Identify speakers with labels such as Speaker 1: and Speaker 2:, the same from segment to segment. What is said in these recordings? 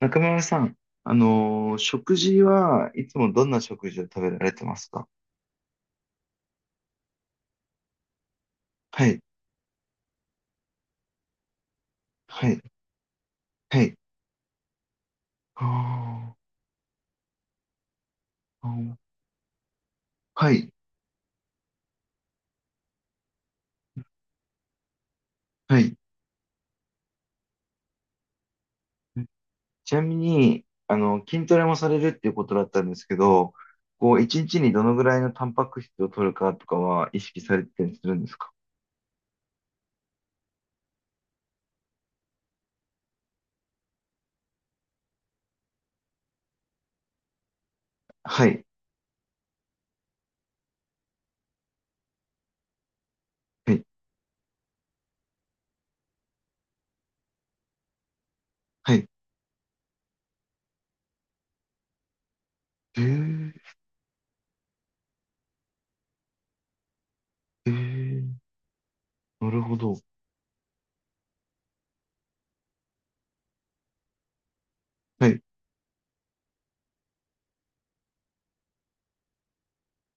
Speaker 1: 中村さん、食事はいつもどんな食事を食べられてますか？はい、はい、はい。あー、あー、はい、はい。ちなみに、筋トレもされるっていうことだったんですけど、一日にどのぐらいのタンパク質を取るかとかは意識されてたりするんですか？はい、はい、はい。えー、えー、なるほど。はい。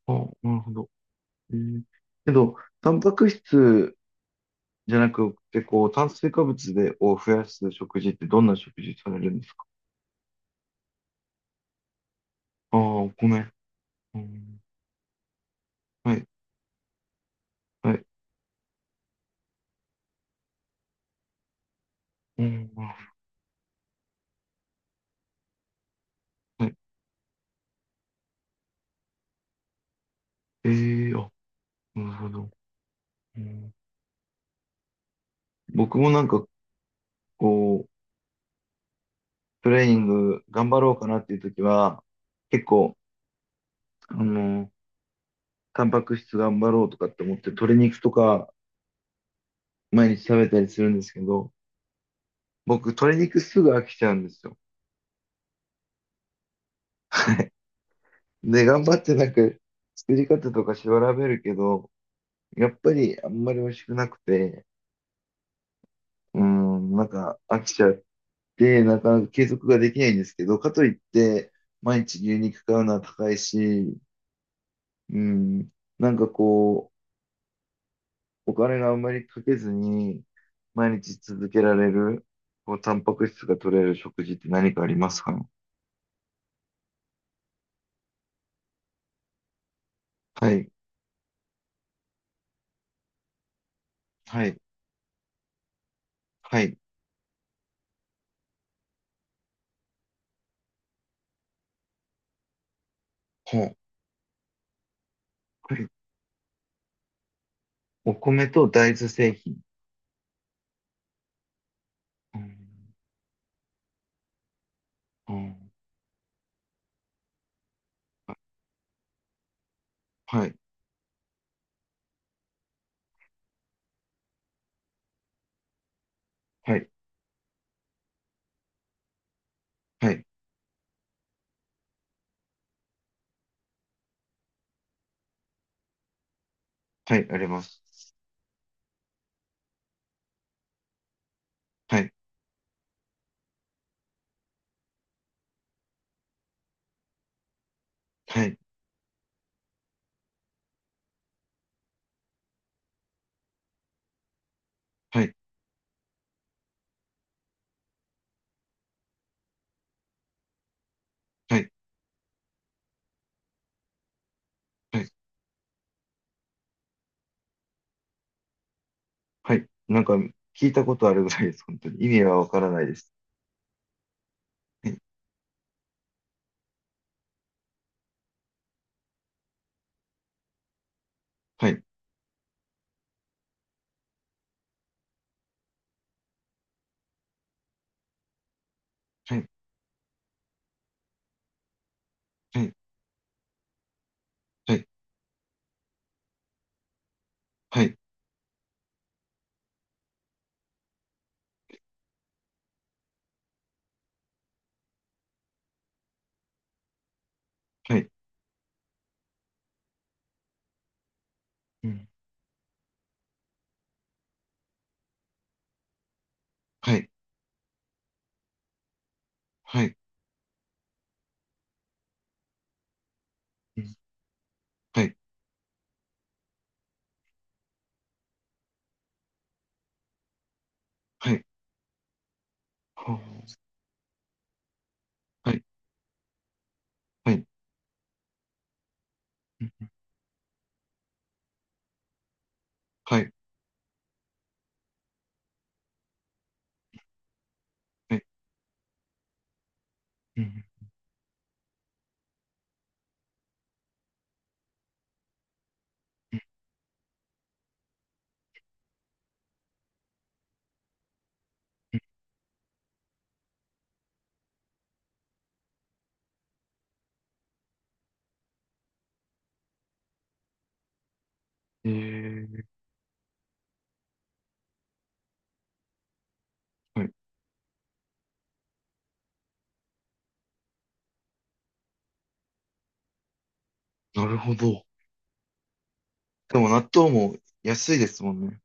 Speaker 1: あ、なるほど。えーけど、タンパク質じゃなくて、炭水化物で、を増やす食事ってどんな食事されるんですか？ああー、お米。うん、はい、はい。うん、はい。ええー、あ、なるほど。うん、僕もなんか、こう、トレーニング頑張ろうかなっていう時は、結構、あの、タンパク質頑張ろうとかって思って、鶏肉とか毎日食べたりするんですけど、僕、鶏肉すぐ飽きちゃうんですよ。で、頑張ってなんか、作り方とか調べるけど、やっぱりあんまり美味しくなくて、うん、なんか飽きちゃって、なかなか継続ができないんですけど、かといって、毎日牛肉買うのは高いし、うん、なんかお金があんまりかけずに、毎日続けられる、タンパク質が取れる食事って何かありますか？はい、はい、はい、ほう、はい。お米と大豆製品。うん、うん、はい、はい、はい、はい、あります。はい、はい、はい。はい、はい、はい。なんか聞いたことあるぐらいです。本当に。意味はわからないです。はい、はい、はい、はい、はい、はい、うん、はい、はい、うん、はい、はい、はあ、はい、はい、うん、はい、はい、うん、えー、はい、なるほど。でも納豆も安いですもんね。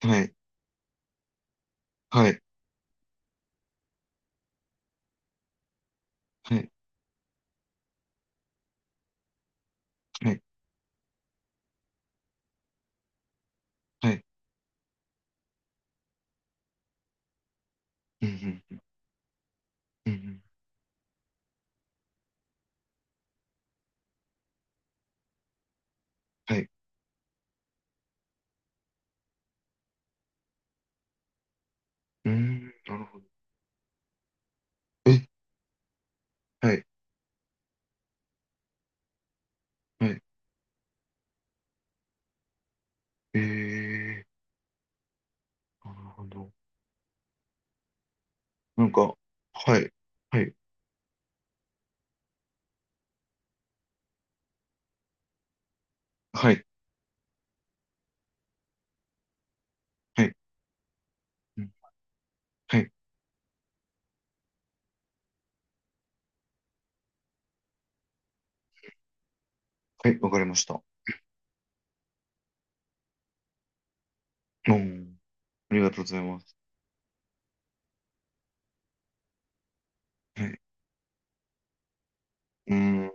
Speaker 1: はい、はい、はい、はい、はい、うん、うん、うん、はい、うん、なるほど。え、はい、はい、えー、なるほど。なんか、はい、はい、はい。はい。うん、はい。はい。わかりました。うん。ありがとうございます。はい。うん。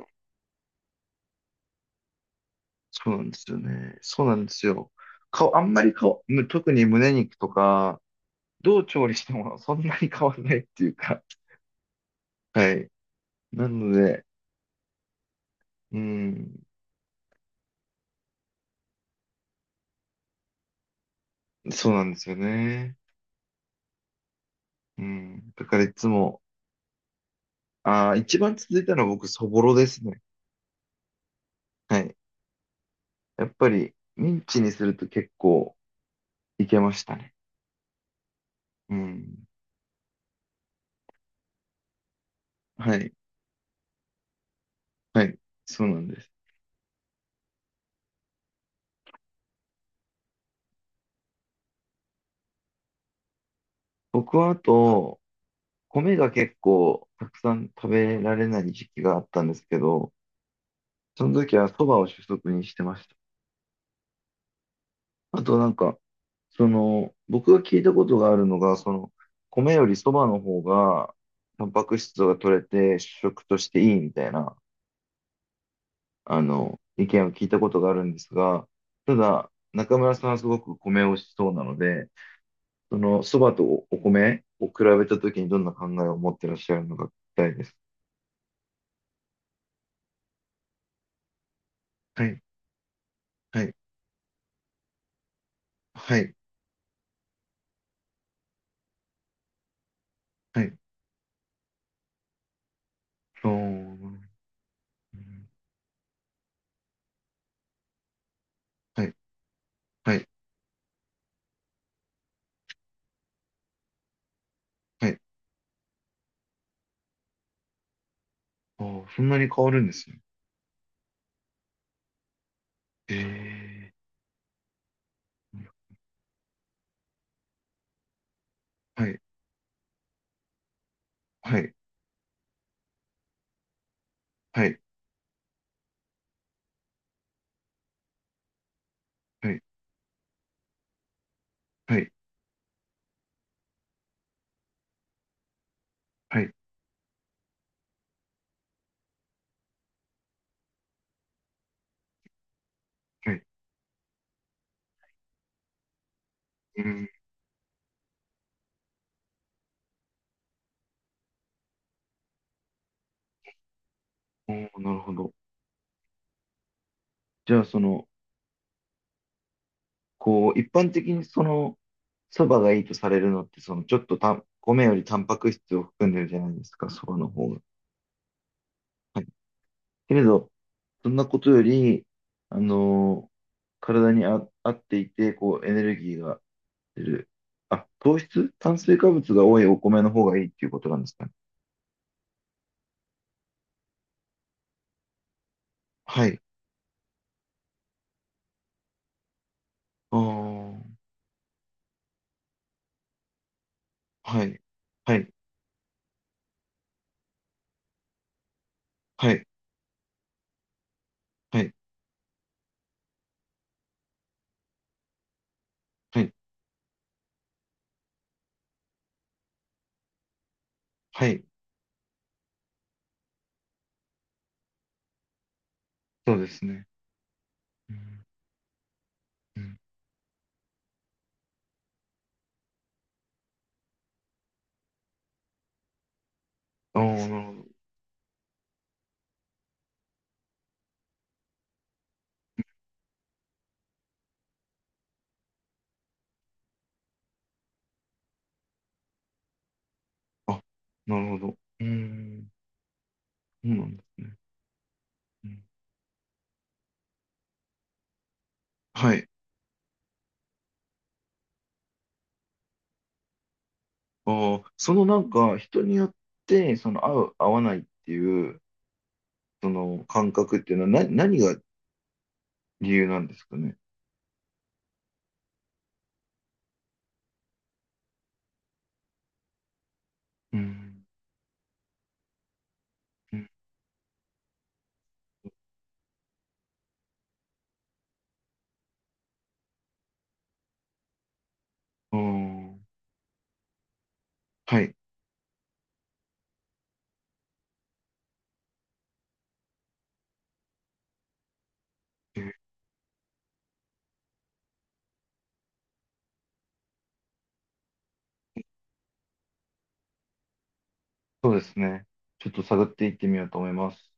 Speaker 1: そうなんですよね。そうなんですよ。顔、あんまり顔、特に胸肉とか、どう調理してもそんなに変わらないっていうか。はい。なので、うん。そうなんですよね。うん。だからいつも、ああ、一番続いたのは僕、そぼろですね。はい。やっぱり、ミンチにすると結構いけましたね。うん。はい。はい。そうなんです。僕はあと、米が結構たくさん食べられない時期があったんですけど、その時は蕎麦を主食にしてました。あとなんか、僕が聞いたことがあるのが、米より蕎麦の方が、タンパク質が取れて主食としていいみたいな、意見を聞いたことがあるんですが、ただ、中村さんはすごく米をしそうなので、その蕎麦とお米を比べた時にどんな考えを持ってらっしゃるのか聞きたいです。はい、はい、はい。はい、あー、うん、はい、はい、はい。ああ、そんなに変わるんですね。ええ、はい、はい、はい、はい、はい、はい、はい。うん、おー、なるほど。じゃあ、一般的にそばがいいとされるのって、ちょっとたん、米よりタンパク質を含んでるじゃないですか、そばの方が。はい。けれど、そんなことより、あのー体に合っていて、エネルギーがてる。あ、糖質炭水化物が多いお米の方がいいっていうことなんですかね。はい。ああ、はい。はい。はい。はい。はい。はい。そうですね。うん。うん。ああ、なるほど。あ、なるほど。うん。そうなんですね。うん。はい。ああ、なんか、人によって、合う、合わないっていう、その感覚っていうのは、何が理由なんですかね。うん。うん。ああ、はい。そうですね。ちょっと探っていってみようと思います。